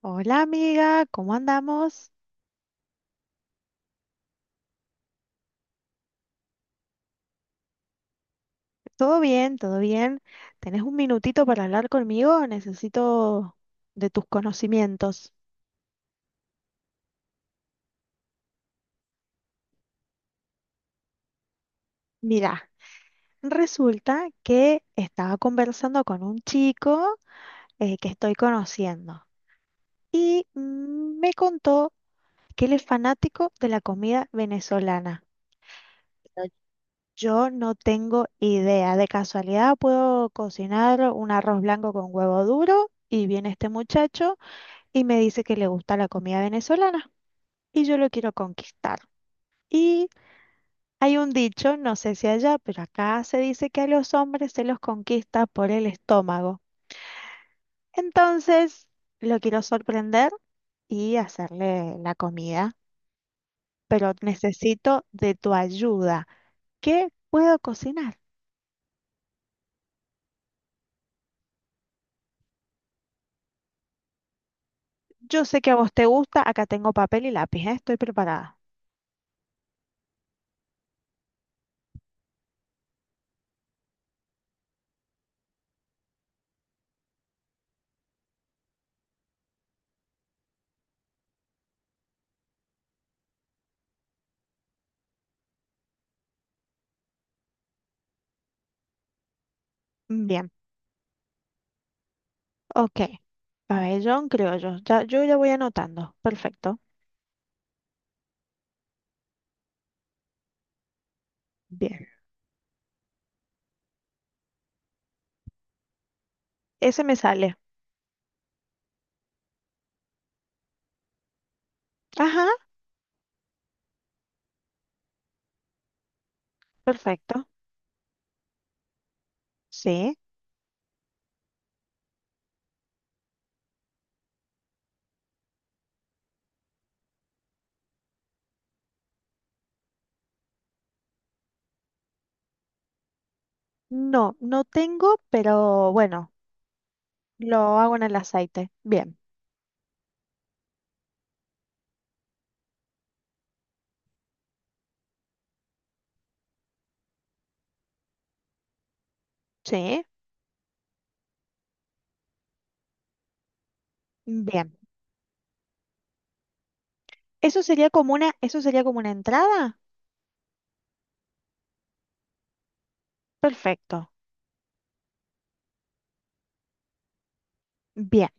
Hola amiga, ¿cómo andamos? ¿Todo bien? ¿Todo bien? ¿Tenés un minutito para hablar conmigo? Necesito de tus conocimientos. Mira, resulta que estaba conversando con un chico que estoy conociendo y me contó que él es fanático de la comida venezolana. Pero yo no tengo idea. De casualidad puedo cocinar un arroz blanco con huevo duro y viene este muchacho y me dice que le gusta la comida venezolana y yo lo quiero conquistar. Y hay un dicho, no sé si allá, pero acá se dice que a los hombres se los conquista por el estómago. Entonces, lo quiero sorprender y hacerle la comida, pero necesito de tu ayuda. ¿Qué puedo cocinar? Yo sé que a vos te gusta, acá tengo papel y lápiz, ¿eh? Estoy preparada. Bien, ok. Pabellón criollo. Ya, yo ya voy anotando. Perfecto. Bien. Ese me sale. Ajá, perfecto. Sí. No, no tengo, pero bueno, lo hago en el aceite. Bien. Sí. Bien. Eso sería como una, eso sería como una entrada. Perfecto. Bien.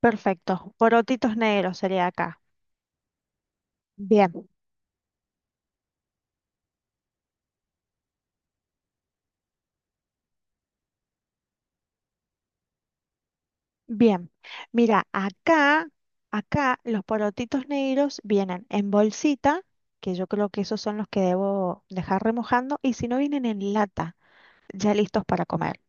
Perfecto. Porotitos negros sería acá. Bien. Bien. Mira, acá, acá los porotitos negros vienen en bolsita, que yo creo que esos son los que debo dejar remojando, y si no vienen en lata, ya listos para comer.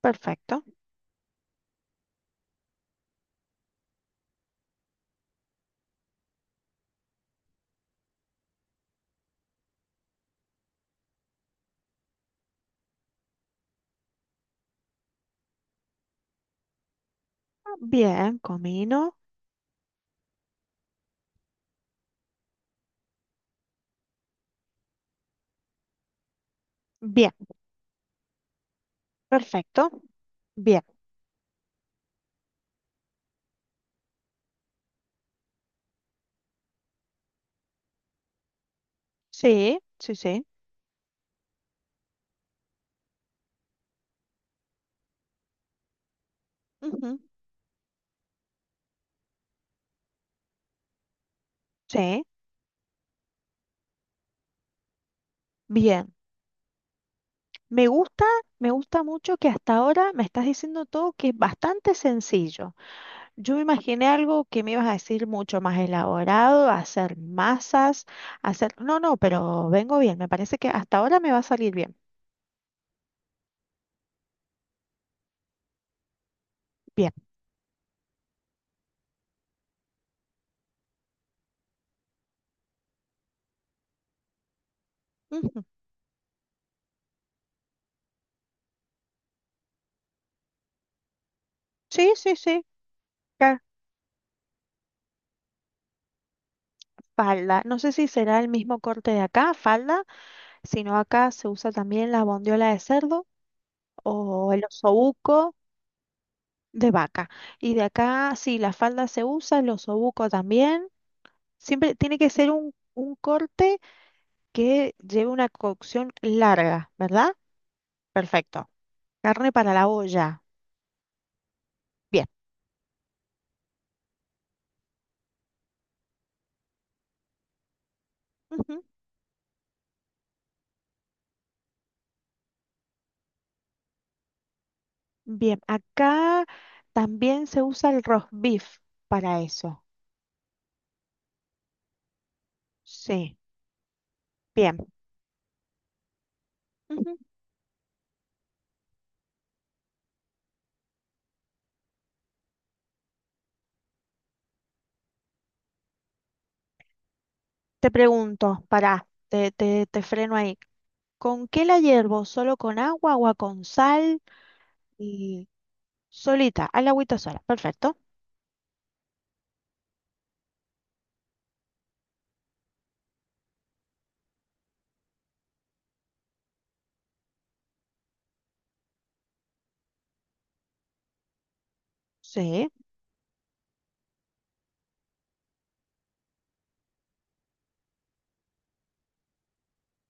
Perfecto. Bien, comino. Bien, perfecto. Bien. Sí, sí, sí. Ujú. Sí, bien. Me gusta, me gusta mucho que hasta ahora me estás diciendo todo que es bastante sencillo. Yo me imaginé algo que me ibas a decir mucho más elaborado, hacer masas, hacer... No, no, pero vengo bien. Me parece que hasta ahora me va a salir bien. Bien. Ujú. Sí, sí, sí. ca- Falda. No sé si será el mismo corte de acá, falda, sino acá se usa también la bondiola de cerdo o el osobuco. De vaca. Y de acá, sí, la falda se usa, los osobuco también. Siempre tiene que ser un corte que lleve una cocción larga, ¿verdad? Perfecto. Carne para la olla. Bien. Ujú. Bien, acá también se usa el roast beef para eso. Sí, bien. Ujú. Te pregunto, pará, te freno ahí. ¿Con qué la hiervo? ¿Solo con agua, agua con sal y solita? Al agüita sola. Perfecto. Sí.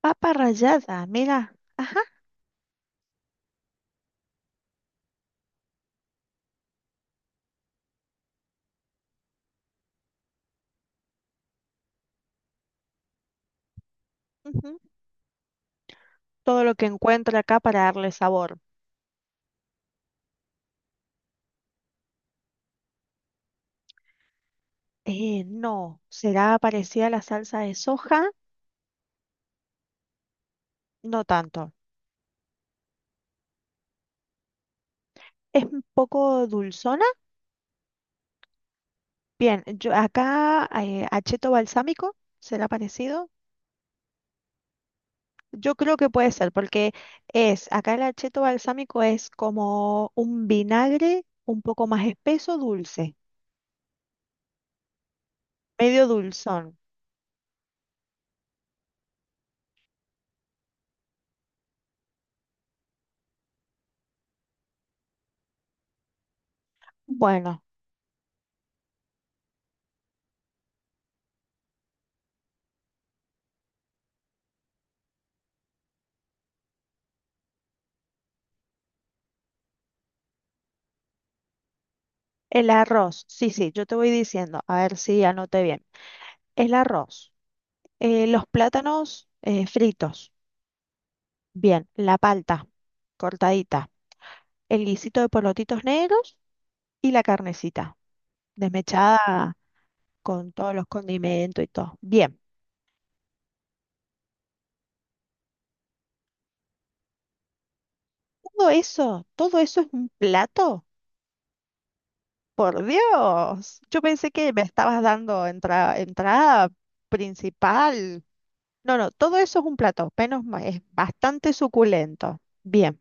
Papa rallada, mira. Ujú. Todo lo que encuentro acá para darle sabor. No, ¿será parecida a la salsa de soja? No tanto. ¿Es un poco dulzona? Bien, yo acá acheto balsámico, ¿será parecido? Yo creo que puede ser, porque es, acá el acheto balsámico es como un vinagre un poco más espeso, dulce, medio dulzón. Bueno, el arroz, sí, sí, yo te voy diciendo, a ver si anoté bien. El arroz. Los plátanos fritos. Bien, la palta cortadita. El guisito de porotitos negros y la carnecita desmechada con todos los condimentos y todo. Bien, todo eso es un plato. Por Dios, yo pensé que me estabas dando entrada principal. No, no, todo eso es un plato, es bastante suculento. Bien.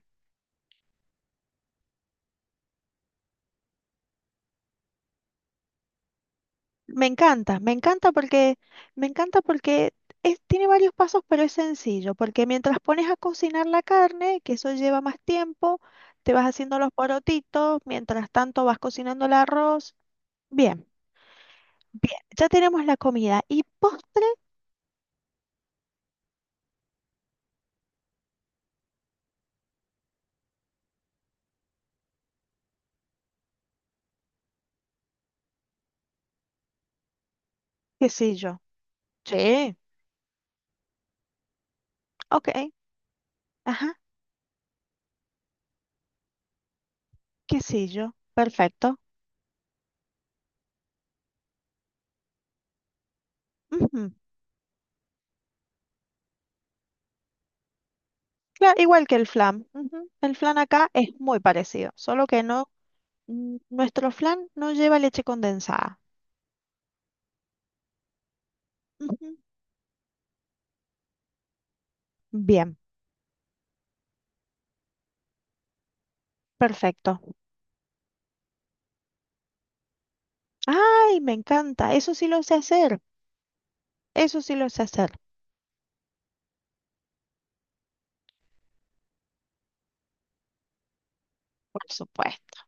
Me encanta, me encanta porque, me encanta porque tiene varios pasos, pero es sencillo, porque mientras pones a cocinar la carne, que eso lleva más tiempo, te vas haciendo los porotitos, mientras tanto vas cocinando el arroz. Bien, bien, ya tenemos la comida. ¿Y postre? ¿Qué sé yo? Sí, ok, ajá, qué sé yo, perfecto. Ujú. Claro, igual que el flan. Ujú. El flan acá es muy parecido, solo que no, nuestro flan no lleva leche condensada. Ujú. Bien, perfecto. Ay, me encanta. Eso sí lo sé hacer. Eso sí lo sé hacer, por supuesto.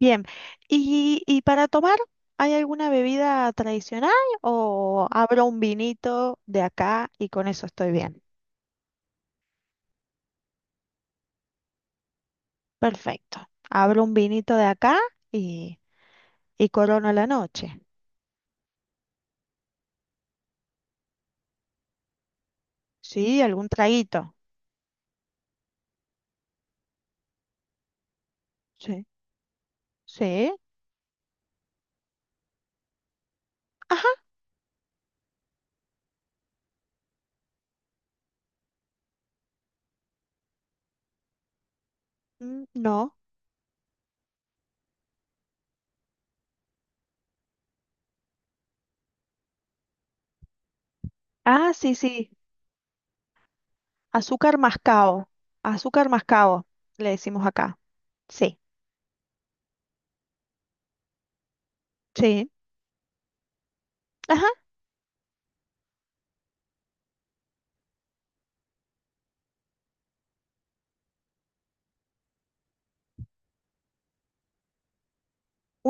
Bien. Y para tomar, hay alguna bebida tradicional o abro un vinito de acá y con eso estoy bien? Perfecto. Abro un vinito de acá y, y corono la noche. Sí, algún traguito. Sí. Sí. Ajá. Mm, no. Ah, sí, sí. Azúcar mascabo. Azúcar mascabo, le decimos acá. Sí. Sí. Ajá,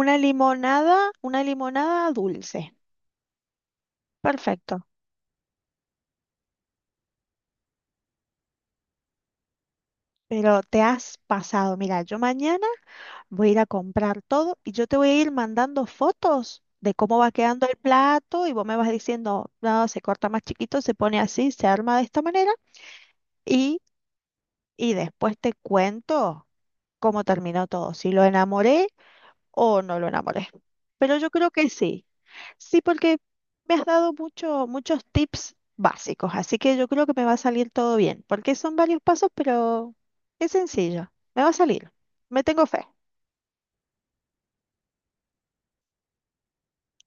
una limonada dulce. Perfecto. Pero te has pasado. Mira, yo mañana voy a ir a comprar todo y yo te voy a ir mandando fotos de cómo va quedando el plato y vos me vas diciendo, no, se corta más chiquito, se pone así, se arma de esta manera y, y después te cuento cómo terminó todo, si lo enamoré o no lo enamoré. Pero yo creo que sí. Sí, porque me has dado mucho, muchos tips básicos, así que yo creo que me va a salir todo bien, porque son varios pasos, pero es sencillo, me va a salir, me tengo fe.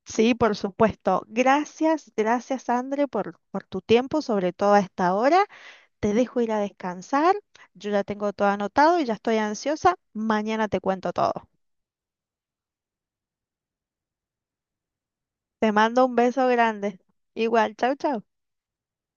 Sí, por supuesto. Gracias, gracias, André, por tu tiempo, sobre todo a esta hora. Te dejo ir a descansar. Yo ya tengo todo anotado y ya estoy ansiosa. Mañana te cuento todo. Te mando un beso grande. Igual, chau, chau.